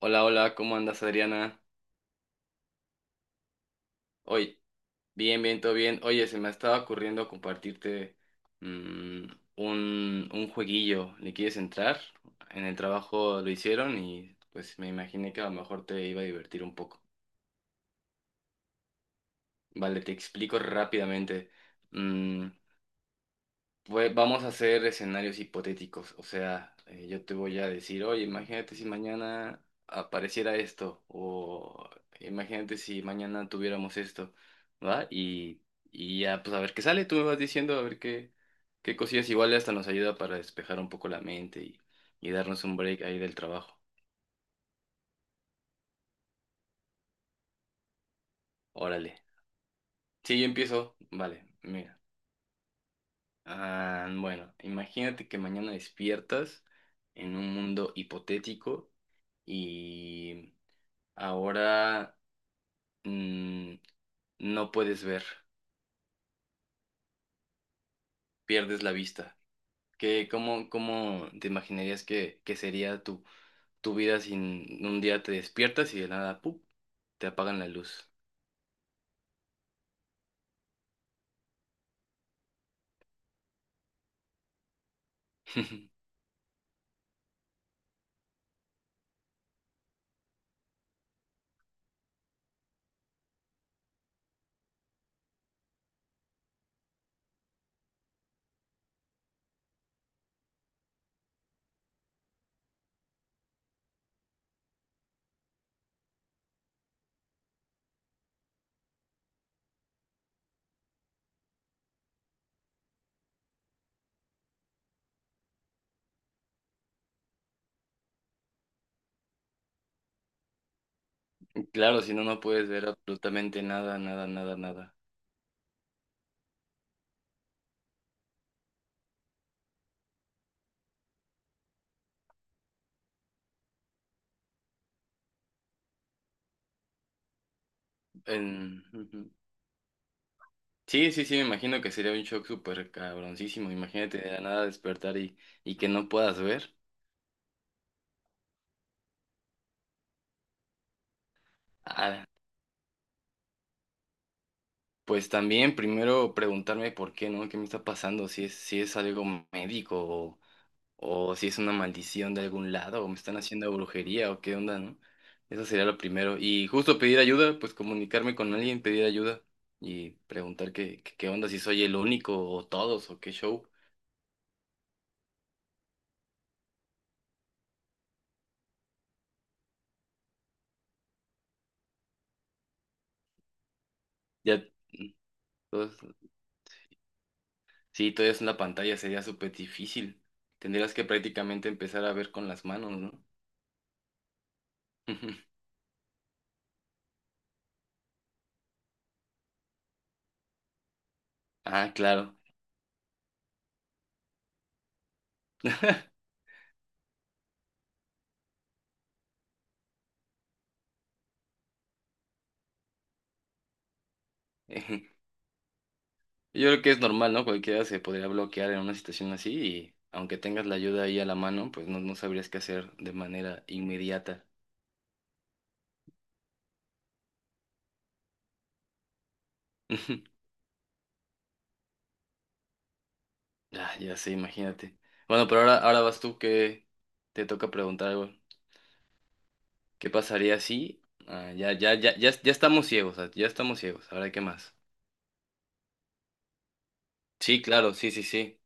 Hola, hola, ¿cómo andas, Adriana? Hoy, bien, bien, todo bien. Oye, se me estaba ocurriendo compartirte mm, un jueguillo. ¿Le quieres entrar? En el trabajo lo hicieron y pues me imaginé que a lo mejor te iba a divertir un poco. Vale, te explico rápidamente. Mm, Pues vamos a hacer escenarios hipotéticos, o sea, yo te voy a decir, oye, imagínate si mañana apareciera esto, o imagínate si mañana tuviéramos esto, ¿va? Y ya, pues a ver qué sale, tú me vas diciendo, a ver qué cosillas, igual hasta nos ayuda para despejar un poco la mente y darnos un break ahí del trabajo. Órale. Sí, yo empiezo, vale, mira. Ah, bueno, imagínate que mañana despiertas en un mundo hipotético y ahora mm, no puedes ver, pierdes la vista. ¿Qué, cómo, cómo te imaginarías que sería tu vida sin un día te despiertas y de nada, ¡pup! Te apagan la luz? Claro, si no, no puedes ver absolutamente nada, nada, nada, nada. Ujú. Sí, sí, sí, me imagino que sería un shock súper cabroncísimo. Imagínate de la nada despertar y que no puedas ver. Ah, Pues también primero preguntarme por qué, ¿no? ¿Qué me está pasando? Si es algo médico o si es una maldición de algún lado o me están haciendo brujería o qué onda, ¿no? Eso sería lo primero. Y justo pedir ayuda, pues comunicarme con alguien, pedir ayuda y preguntar qué onda, si soy el único o todos o qué show. Ya, mm, todos, sí, todo es en la pantalla, sería súper difícil. Tendrías que prácticamente empezar a ver con las manos, ¿no? Ah, claro. Yo creo que es normal, ¿no? Cualquiera se podría bloquear en una situación así y aunque tengas la ayuda ahí a la mano, pues no, no sabrías qué hacer de manera inmediata. Ah, ya sé, imagínate. Bueno, pero ahora vas tú que te toca preguntar algo. ¿Qué pasaría si... Ah, ya, ya, ya, ya, ya estamos ciegos, ah, ya estamos ciegos. Ahora, ¿qué más? Sí, claro, sí, sí, sí.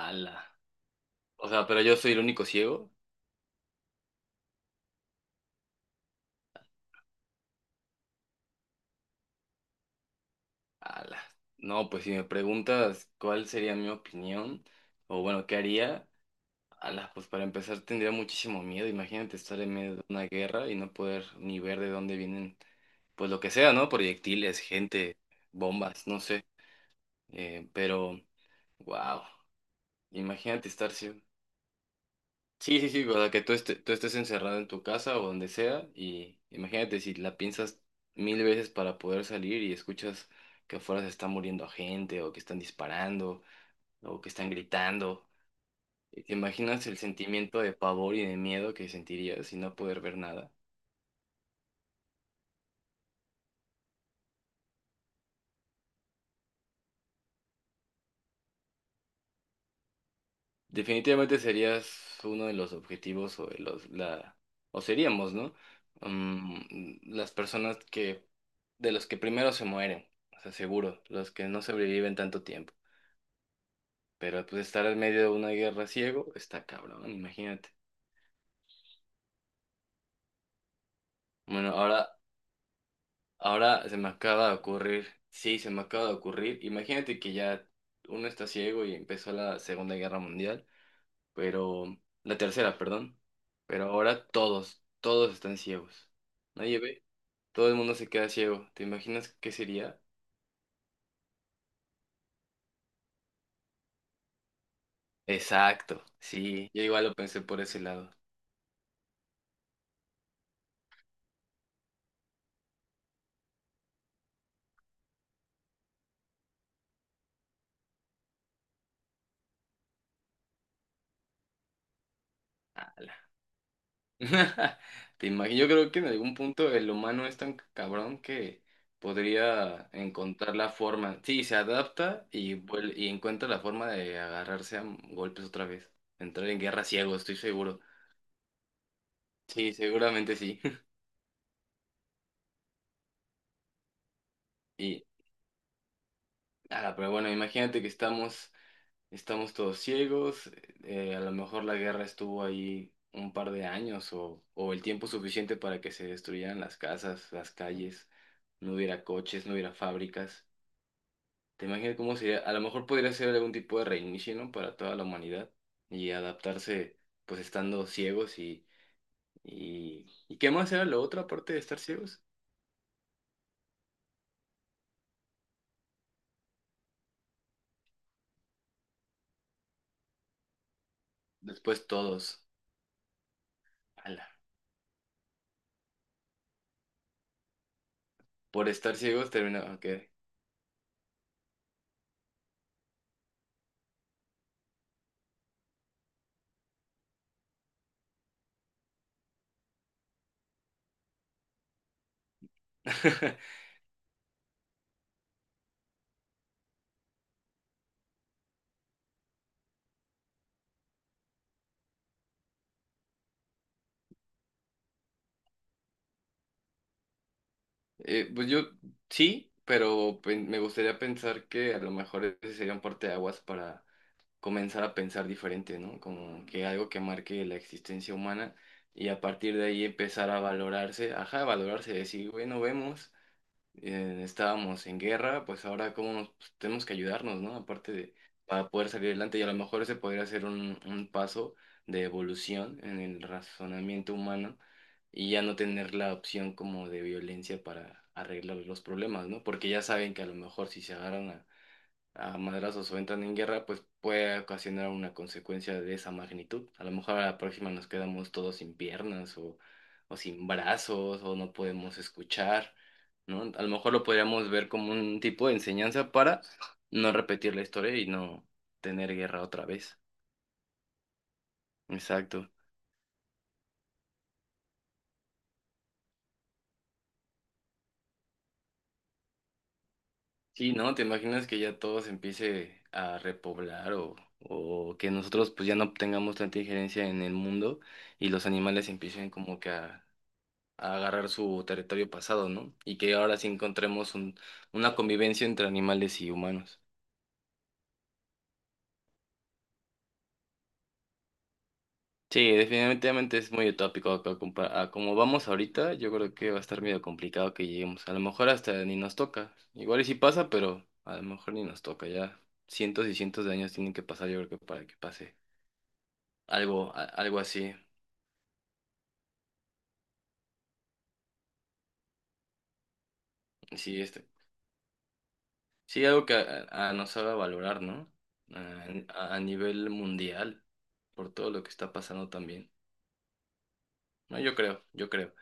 Ala. O sea, pero yo soy el único ciego. Ala. No, pues si me preguntas cuál sería mi opinión, o bueno, ¿qué haría? Ala, pues para empezar tendría muchísimo miedo. Imagínate estar en medio de una guerra y no poder ni ver de dónde pues lo que sea, ¿no? Proyectiles, gente, bombas, no sé. Eh, pero, wow. Imagínate estar. Sí, sí, sí, sí, o sea, que tú estés encerrado en tu casa o donde sea y imagínate si la piensas mil veces para poder salir y escuchas que afuera se está muriendo gente o que están disparando o que están gritando. Y te imaginas el sentimiento de pavor y de miedo que sentirías sin no poder ver nada. Definitivamente serías uno de los objetivos o de o seríamos, ¿no? Las personas de los que primero se mueren, o sea, seguro, los que no sobreviven tanto tiempo. Pero pues estar en medio de una guerra ciego está cabrón, imagínate. Bueno, ahora se me acaba de ocurrir, sí, se me acaba de ocurrir. Imagínate que ya uno está ciego y empezó la Segunda Guerra Mundial. Pero la tercera, perdón, pero ahora todos están ciegos. Nadie ve, todo el mundo se queda ciego. ¿Te imaginas qué sería? Exacto, sí, yo igual lo pensé por ese lado. Ala. Te imagino, yo creo que en algún punto el humano es tan cabrón que podría encontrar la forma. Sí, se adapta y y encuentra la forma de agarrarse a golpes otra vez. Entrar en guerra ciego, estoy seguro. Sí, seguramente sí. Y Ah, pero bueno, imagínate que estamos todos ciegos, a lo mejor la guerra estuvo ahí un par de años o el tiempo suficiente para que se destruyeran las casas, las calles, no hubiera coches, no hubiera fábricas. ¿Te imaginas cómo sería? A lo mejor podría ser algún tipo de reinicio, ¿no? Para toda la humanidad y adaptarse pues estando ciegos, ¿y qué más era lo otro aparte de estar ciegos? Después todos, ala, por estar ciegos terminaba, ok. Pues yo sí, pero me gustaría pensar que a lo mejor ese sería un parteaguas para comenzar a pensar diferente, ¿no? Como que algo que marque la existencia humana y a partir de ahí empezar a valorarse, ajá, a valorarse, decir, bueno, vemos estábamos en guerra, pues ahora cómo nos pues, tenemos que ayudarnos, ¿no? Aparte de para poder salir adelante y a lo mejor ese podría ser un paso de evolución en el razonamiento humano y ya no tener la opción como de violencia para arreglar los problemas, ¿no? Porque ya saben que a lo mejor si se agarran a madrazos o entran en guerra, pues puede ocasionar una consecuencia de esa magnitud. A lo mejor a la próxima nos quedamos todos sin piernas o sin brazos o no podemos escuchar, ¿no? A lo mejor lo podríamos ver como un tipo de enseñanza para no repetir la historia y no tener guerra otra vez. Exacto. Sí, ¿no? ¿Te imaginas que ya todo se empiece a repoblar o que nosotros pues ya no tengamos tanta injerencia en el mundo y los animales empiecen como que a agarrar su territorio pasado, ¿no? Y que ahora sí encontremos una convivencia entre animales y humanos. Sí, definitivamente es muy utópico a como vamos ahorita, yo creo que va a estar medio complicado que lleguemos. A lo mejor hasta ni nos toca. Igual y sí pasa, pero a lo mejor ni nos toca. Ya cientos y cientos de años tienen que pasar, yo creo que para que pase algo así. Sí, este, sí, algo que nos haga valorar, ¿no? a a nivel mundial, por todo lo que está pasando también. No, yo creo, yo creo.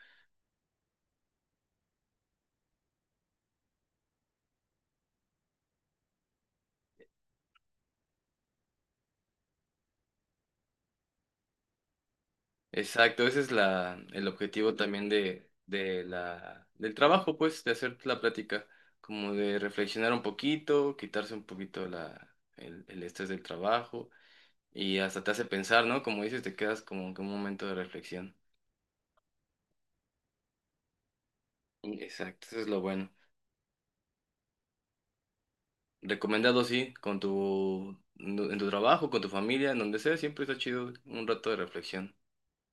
Exacto, ese es el objetivo también de del trabajo, pues, de hacer la plática, como de reflexionar un poquito, quitarse un poquito el estrés del trabajo y hasta te hace pensar, ¿no? Como dices, te quedas como que un momento de reflexión. Exacto, eso es lo bueno. Recomendado, sí, con tu, en tu trabajo, con tu familia, en donde sea, siempre está chido un rato de reflexión.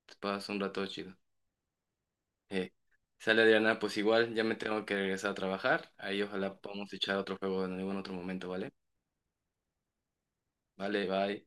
Te pasas un rato chido. Eh, sale Adriana, pues igual ya me tengo que regresar a trabajar. Ahí ojalá podamos echar otro juego en algún otro momento, ¿vale? Vale, bye.